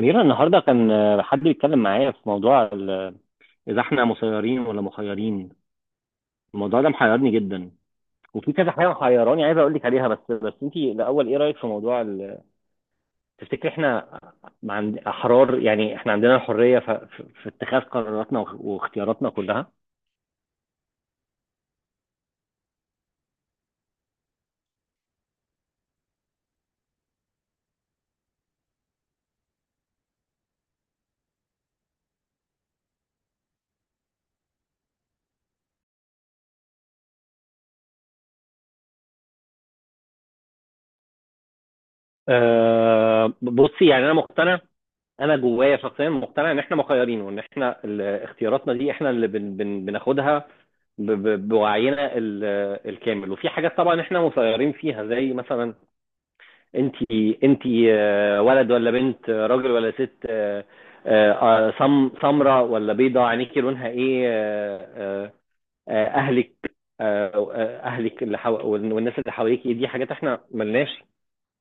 أميرة، النهاردة كان حد بيتكلم معايا في موضوع إذا إحنا مسيرين ولا مخيرين. الموضوع ده محيرني جدا، وفي كذا حاجة محيراني. عايز أقول لك عليها، بس أنت الأول، إيه رأيك في موضوع تفتكري إحنا عند أحرار؟ يعني إحنا عندنا الحرية في اتخاذ قراراتنا، واختياراتنا كلها. بصي، يعني أنا مقتنع. انا جوايا شخصيا مقتنع ان احنا مخيرين، وان احنا اختياراتنا دي احنا اللي بن بن بناخدها بوعينا الكامل. وفي حاجات طبعا احنا مسيرين فيها، زي مثلا انت، انت ولد ولا بنت، راجل ولا ست، سمراء ولا بيضاء، عينيكي لونها ايه، اهلك، آه، اللي والناس اللي حواليكي. دي حاجات احنا ملناش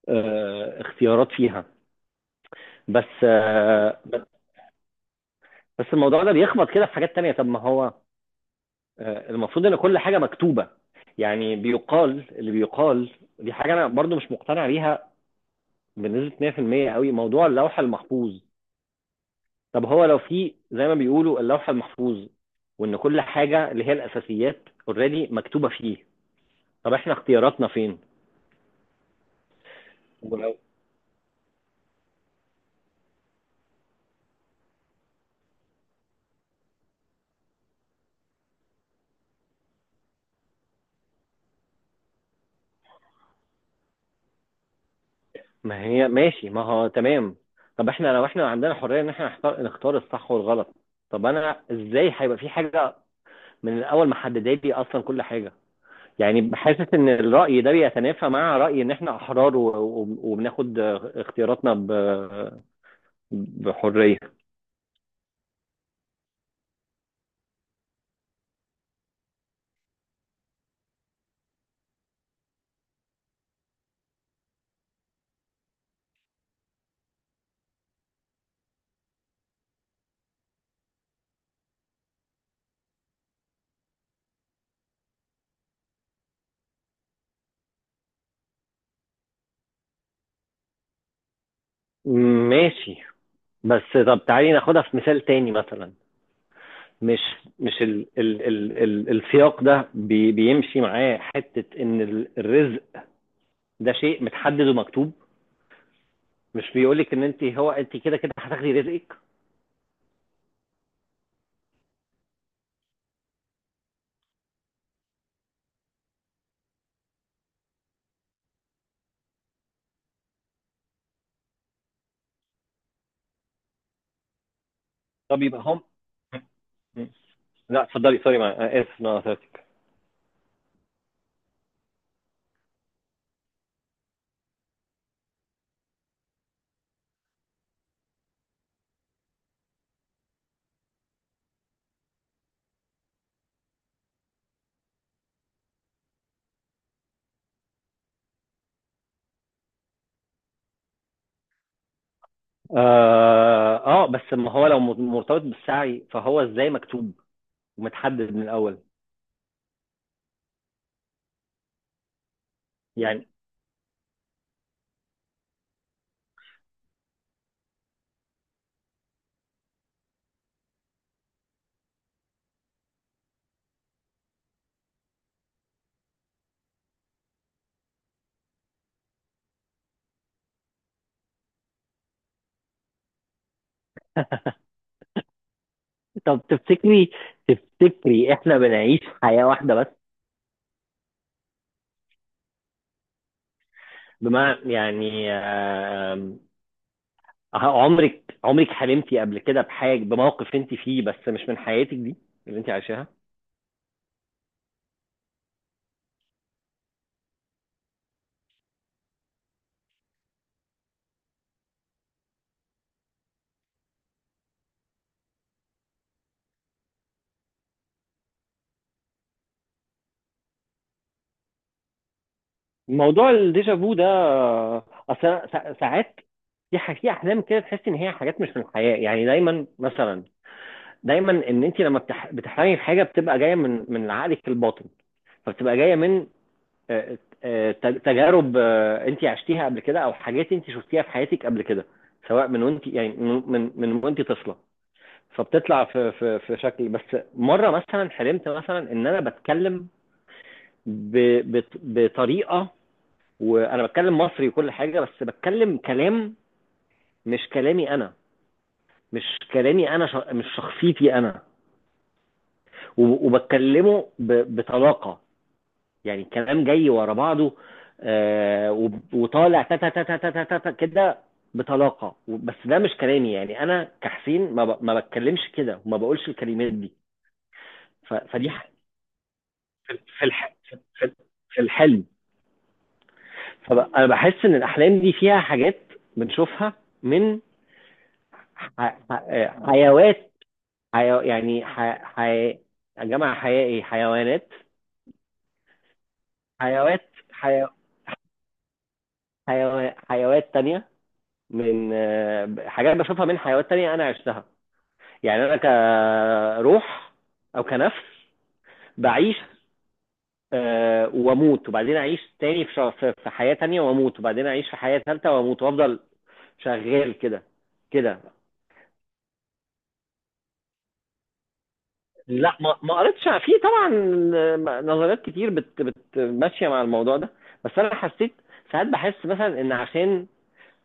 اختيارات فيها. بس آه، بس الموضوع ده بيخبط كده في حاجات تانية. طب، ما هو المفروض ان كل حاجة مكتوبة، يعني بيقال اللي بيقال. دي حاجة انا برضو مش مقتنع بيها بنسبة 100% قوي، موضوع اللوح المحفوظ. طب هو لو في زي ما بيقولوا اللوح المحفوظ، وان كل حاجة اللي هي الاساسيات اوريدي مكتوبة فيه، طب احنا اختياراتنا فين؟ ولو- ما هي ماشي، ما هو تمام. طب احنا لو احنا عندنا حرية ان احنا نختار الصح والغلط، طب انا ازاي هيبقى في حاجة من الاول محدده لي اصلا كل حاجة؟ يعني حاسس ان الرأي ده بيتنافى مع رأي ان احنا احرار، وبناخد اختياراتنا بحرية. ماشي، بس طب تعالي ناخدها في مثال تاني مثلا. مش مش ال ال ال ال السياق ده بيمشي معاه حتة ان الرزق ده شيء متحدد ومكتوب. مش بيقولك ان انت هو انت كده كده هتاخدي رزقك. طب يبقى هم لا، اتفضلي، سوري، مع اسف إن انا قطعتك. بس ما هو لو مرتبط بالسعي، فهو ازاي مكتوب ومتحدد من الاول يعني؟ طب تفتكري، احنا بنعيش حياة واحدة بس؟ بمعنى يعني، عمرك حلمتي قبل كده بحاجة، بموقف انت فيه بس مش من حياتك دي اللي انت عايشاها؟ موضوع الديجا فو ده، اصل أنا ساعات في احلام كده تحس ان هي حاجات مش من الحياة. يعني دايما مثلا، ان انت لما بتحلمي بحاجه بتبقى جايه من عقلك الباطن، فبتبقى جايه من آه، تجارب انت عشتيها قبل كده، او حاجات انت شفتيها في حياتك قبل كده، سواء من وانت، يعني من وانت طفله، فبتطلع في شكل. بس مره مثلا حلمت مثلا ان انا بتكلم ب بطريقه، وانا بتكلم مصري وكل حاجه، بس بتكلم كلام مش كلامي انا، مش كلامي انا، مش شخصيتي انا، وبتكلمه بطلاقه. يعني الكلام جاي ورا بعضه، وطالع تا تا تا تا تا تا كده بطلاقه، بس ده مش كلامي. يعني انا كحسين ما بتكلمش كده، وما بقولش الكلمات دي. ف- فدي ح- في في الح- في- في في الحلم. فانا بحس ان الاحلام دي فيها حاجات بنشوفها من حيوات، يعني حي... يا جماعه حياة ايه حيوانات، حيوات، حيوات تانية، من حاجات بشوفها من حيوانات تانية انا عشتها. يعني انا كروح او كنفس بعيش، واموت، وبعدين اعيش تاني في- حياة تانية، واموت وبعدين اعيش في حياة تالتة، واموت، وافضل شغال كده كده. لا، ما قريتش، في طبعا نظريات كتير بت بت ماشية مع الموضوع ده، بس انا حسيت. ساعات بحس مثلا ان عشان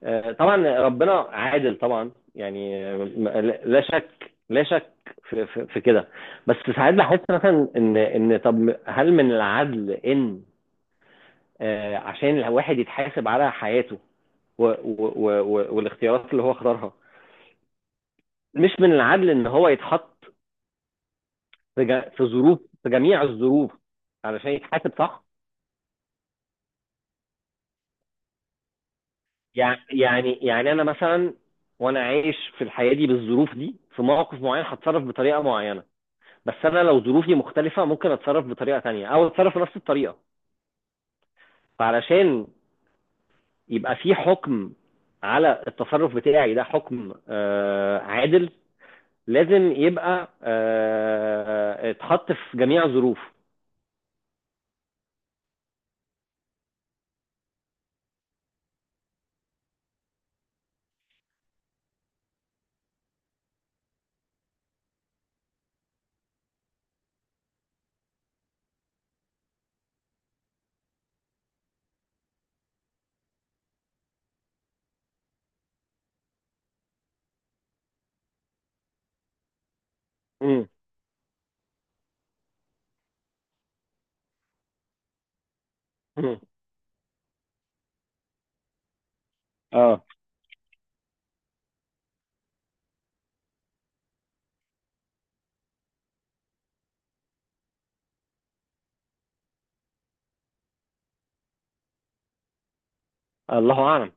طبعا ربنا عادل طبعا، يعني لا شك لا شك في كده. بس ساعات بحس مثلا ان ان طب، هل من العدل ان عشان الواحد يتحاسب على حياته و و و والاختيارات اللي هو اختارها، مش من العدل ان هو يتحط في جا- في ظروف في جميع الظروف علشان يتحاسب صح؟ يعني انا مثلا، وانا عايش في الحياه دي بالظروف دي، في مواقف معينه هتصرف بطريقه معينه. بس انا لو ظروفي مختلفه، ممكن اتصرف بطريقه تانية او اتصرف بنفس الطريقه. فعلشان يبقى في حكم على التصرف بتاعي ده، حكم عادل، لازم يبقى اتحط في جميع الظروف. مم. مم. اه، الله اعلم.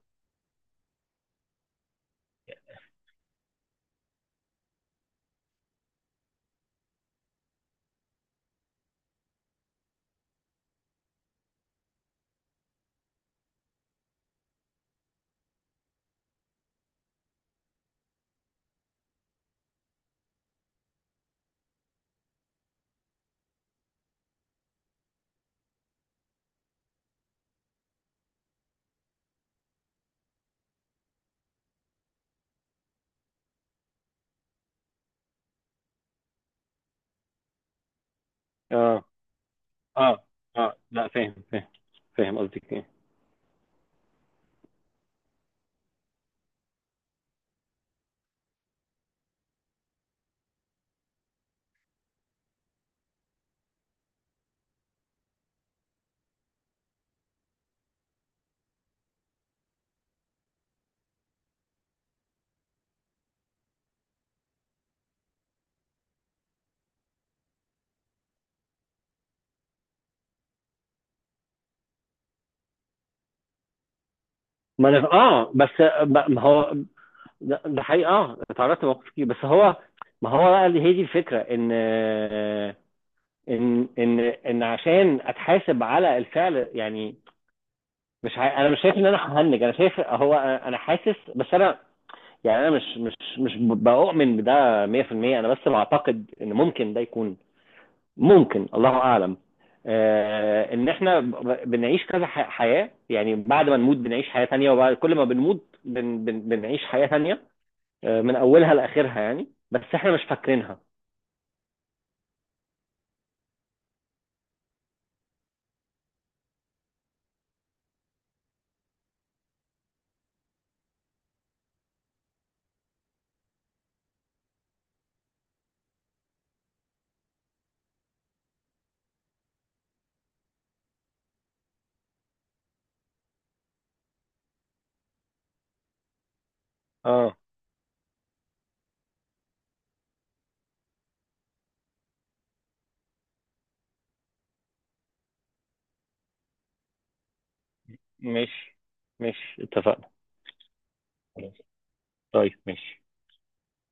اه، اه، اه، لا، فاهم، فاهم، فاهم قصدك ايه. ما انا، اه، بس ما هو، ده حقيقي، اه اتعرضت لمواقف كتير، بس هو ما هو بقى اللي هي دي الفكره، ان عشان اتحاسب على الفعل، يعني مش انا مش شايف ان انا ههنج، انا شايف هو انا، حاسس، بس انا يعني انا مش بؤمن بده 100%. انا بس بعتقد ان ممكن ده يكون، ممكن الله اعلم، ان احنا بنعيش كذا حياة. يعني بعد ما نموت بنعيش حياة تانية، وبعد كل ما بنموت بن بن بنعيش حياة تانية، من اولها لاخرها، يعني بس احنا مش فاكرينها. اه، ماشي، ماشي، اتفقنا، خلاص، طيب، ماشي.